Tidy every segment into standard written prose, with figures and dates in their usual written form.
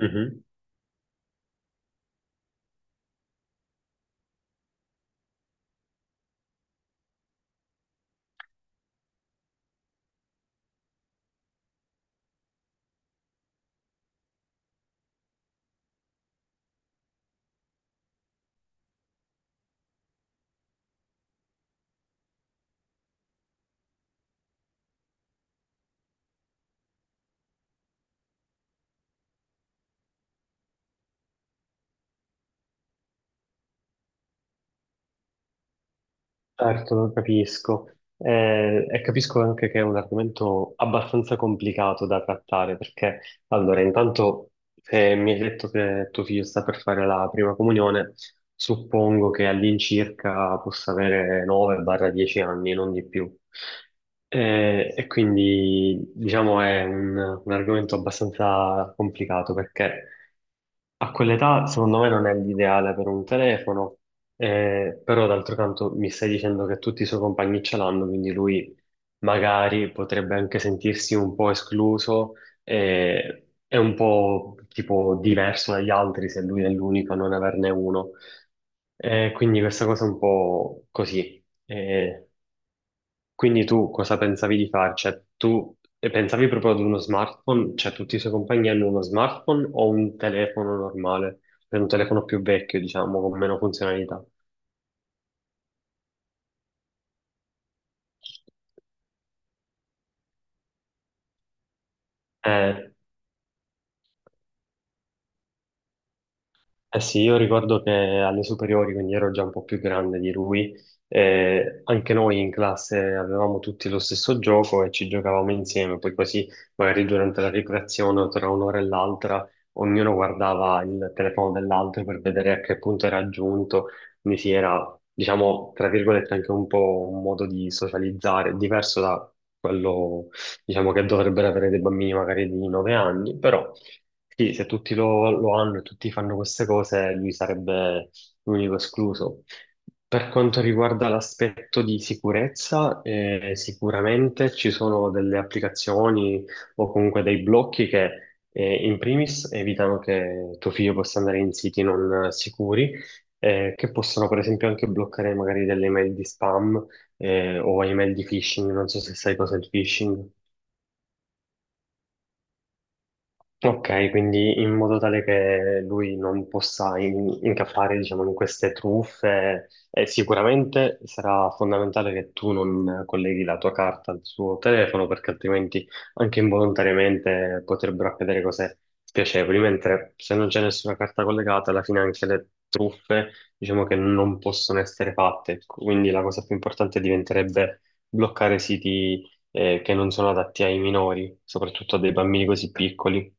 Mhm. Certo, lo capisco. E capisco anche che è un argomento abbastanza complicato da trattare, perché allora, intanto, se mi hai detto che tuo figlio sta per fare la prima comunione, suppongo che all'incirca possa avere 9-10 anni, non di più. E quindi, diciamo, un argomento abbastanza complicato, perché a quell'età, secondo me, non è l'ideale per un telefono, però d'altro canto mi stai dicendo che tutti i suoi compagni ce l'hanno, quindi lui magari potrebbe anche sentirsi un po' escluso, è un po' tipo diverso dagli altri se lui è l'unico a non averne uno. Quindi questa cosa è un po' così. Eh, quindi tu cosa pensavi di fare? Cioè, tu pensavi proprio ad uno smartphone? Cioè, tutti i suoi compagni hanno uno smartphone o un telefono normale? Per un telefono più vecchio, diciamo, con meno funzionalità. Eh, Eh sì, io ricordo che alle superiori, quindi ero già un po' più grande di lui, anche noi in classe avevamo tutti lo stesso gioco e ci giocavamo insieme, poi così magari durante la ricreazione o tra un'ora e l'altra ognuno guardava il telefono dell'altro per vedere a che punto era giunto, quindi sì, era, diciamo, tra virgolette anche un po' un modo di socializzare, diverso da quello, diciamo, che dovrebbero avere dei bambini magari di 9 anni, però... Sì, se tutti lo hanno e tutti fanno queste cose, lui sarebbe l'unico escluso. Per quanto riguarda l'aspetto di sicurezza, sicuramente ci sono delle applicazioni o comunque dei blocchi che in primis evitano che tuo figlio possa andare in siti non sicuri, che possono per esempio anche bloccare magari delle email di spam o email di phishing, non so se sai cosa è il phishing. Ok, quindi in modo tale che lui non possa incappare, diciamo, in queste truffe, e sicuramente sarà fondamentale che tu non colleghi la tua carta al suo telefono, perché altrimenti anche involontariamente potrebbero accadere cose spiacevoli, mentre se non c'è nessuna carta collegata, alla fine anche le truffe, diciamo che non possono essere fatte. Quindi la cosa più importante diventerebbe bloccare siti, che non sono adatti ai minori, soprattutto a dei bambini così piccoli.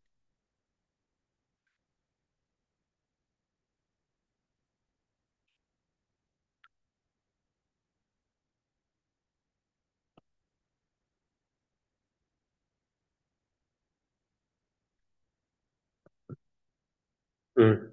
Mh.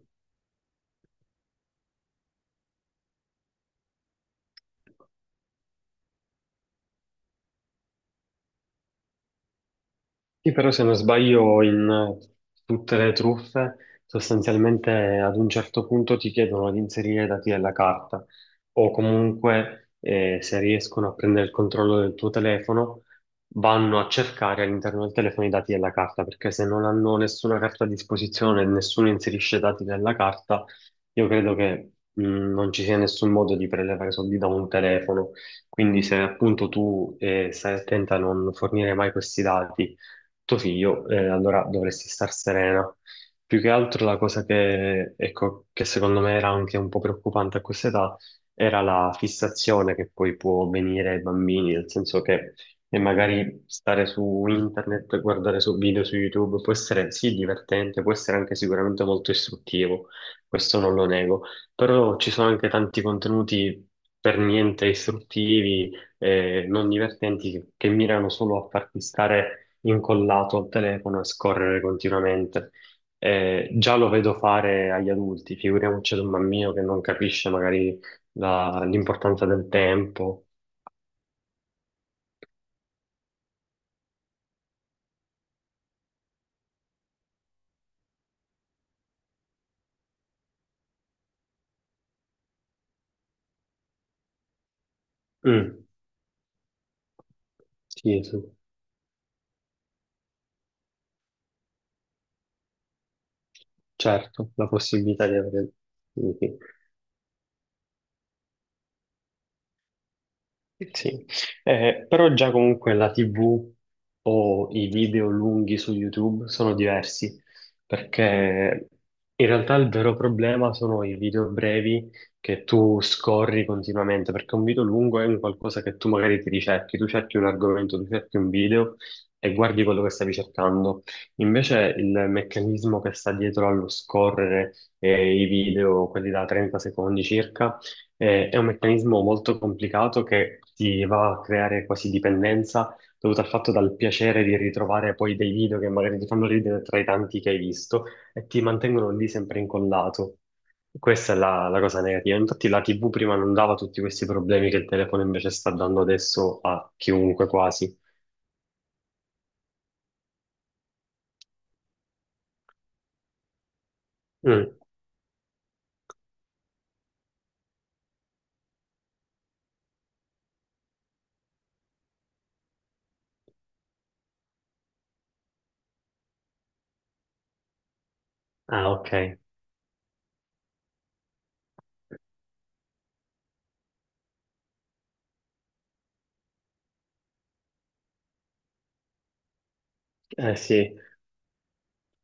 Sì, però se non sbaglio in tutte le truffe sostanzialmente ad un certo punto ti chiedono di inserire i dati della carta o comunque se riescono a prendere il controllo del tuo telefono vanno a cercare all'interno del telefono i dati della carta, perché se non hanno nessuna carta a disposizione e nessuno inserisce i dati della carta io credo che non ci sia nessun modo di prelevare soldi da un telefono, quindi se appunto tu stai attenta a non fornire mai questi dati tuo figlio, allora dovresti star serena. Più che altro la cosa che, ecco, che secondo me era anche un po' preoccupante a questa età era la fissazione che poi può venire ai bambini, nel senso che magari stare su internet, guardare su video su YouTube può essere sì divertente, può essere anche sicuramente molto istruttivo, questo non lo nego, però ci sono anche tanti contenuti per niente istruttivi, non divertenti, che mirano solo a farti stare incollato al telefono e scorrere continuamente. Già lo vedo fare agli adulti, figuriamoci ad un bambino che non capisce magari l'importanza del tempo. Mm, sì, sì, certo, la possibilità di avere... Sì, sì. Sì, però già comunque la TV o i video lunghi su YouTube sono diversi, perché in realtà il vero problema sono i video brevi che tu scorri continuamente, perché un video lungo è un qualcosa che tu magari ti ricerchi, tu cerchi un argomento, tu cerchi un video e guardi quello che stavi cercando. Invece il meccanismo che sta dietro allo scorrere i video, quelli da 30 secondi circa, è un meccanismo molto complicato che ti va a creare quasi dipendenza dovuta al fatto dal piacere di ritrovare poi dei video che magari ti fanno ridere tra i tanti che hai visto e ti mantengono lì sempre incollato. Questa è la cosa negativa. Infatti la TV prima non dava tutti questi problemi che il telefono invece sta dando adesso a chiunque quasi. Mm. Ah, ok. Eh sì,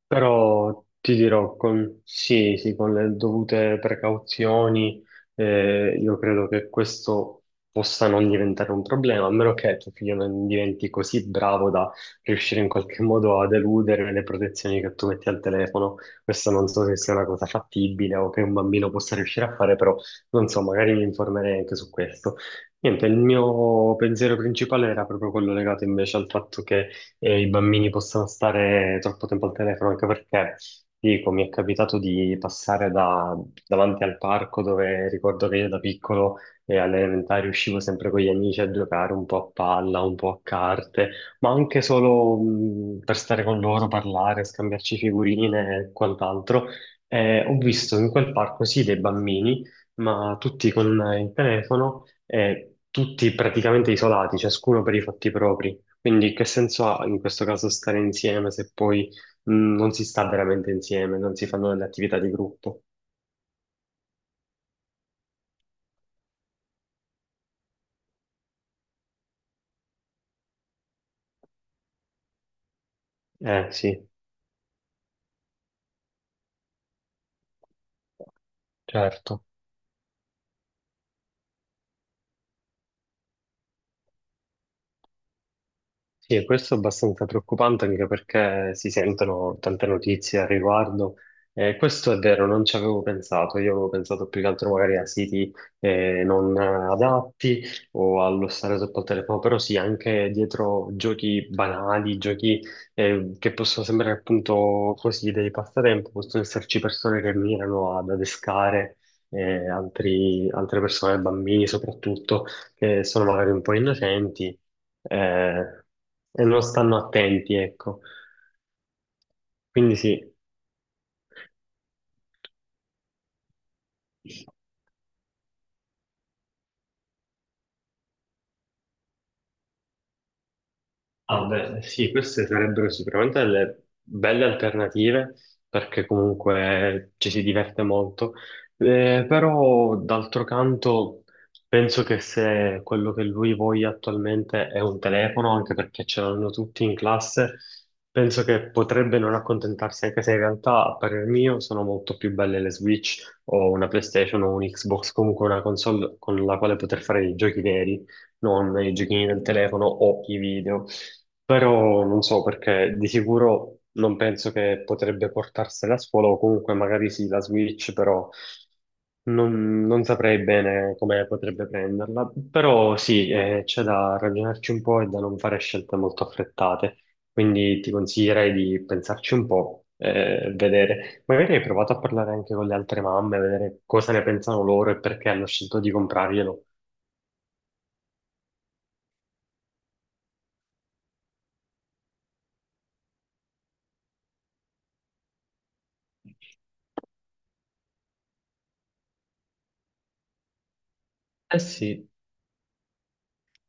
però ti dirò, con, sì, sì, con le dovute precauzioni, io credo che questo possa non diventare un problema, a meno che tuo figlio non diventi così bravo da riuscire in qualche modo ad eludere le protezioni che tu metti al telefono. Questo non so se sia una cosa fattibile o che un bambino possa riuscire a fare, però non so, magari mi informerei anche su questo. Niente, il mio pensiero principale era proprio quello legato invece al fatto che i bambini possano stare troppo tempo al telefono, anche perché, dico, mi è capitato di passare davanti al parco dove ricordo che io da piccolo alle elementari uscivo sempre con gli amici a giocare un po' a palla, un po' a carte, ma anche solo per stare con loro, parlare, scambiarci figurine e quant'altro. Ho visto in quel parco sì dei bambini, ma tutti con il telefono e tutti praticamente isolati, ciascuno per i fatti propri. Quindi che senso ha in questo caso stare insieme se poi non si sta veramente insieme, non si fanno delle attività di gruppo? Eh sì, certo. Sì, e questo è abbastanza preoccupante anche perché si sentono tante notizie al riguardo. Questo è vero, non ci avevo pensato. Io avevo pensato più che altro magari a siti non adatti o allo stare sotto al telefono, però sì, anche dietro giochi banali, giochi che possono sembrare appunto così dei passatempo, possono esserci persone che mirano ad adescare altre persone, bambini soprattutto che sono magari un po' innocenti eh, e non stanno attenti, ecco. Quindi sì, ah, beh, sì, queste sarebbero sicuramente delle belle alternative perché comunque ci si diverte molto. Però d'altro canto penso che se quello che lui voglia attualmente è un telefono, anche perché ce l'hanno tutti in classe, penso che potrebbe non accontentarsi, anche se in realtà a parer mio sono molto più belle le Switch o una PlayStation o un Xbox, comunque una console con la quale poter fare i giochi veri, non i giochini del telefono o i video. Però non so perché di sicuro non penso che potrebbe portarsela a scuola o comunque magari sì, la Switch, però non saprei bene come potrebbe prenderla. Però sì, c'è da ragionarci un po' e da non fare scelte molto affrettate. Quindi ti consiglierei di pensarci un po', vedere. Magari hai provato a parlare anche con le altre mamme, vedere cosa ne pensano loro e perché hanno scelto di comprarglielo. Eh sì,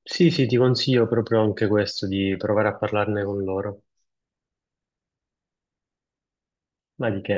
sì, sì, ti consiglio proprio anche questo, di provare a parlarne con loro. Ma di che?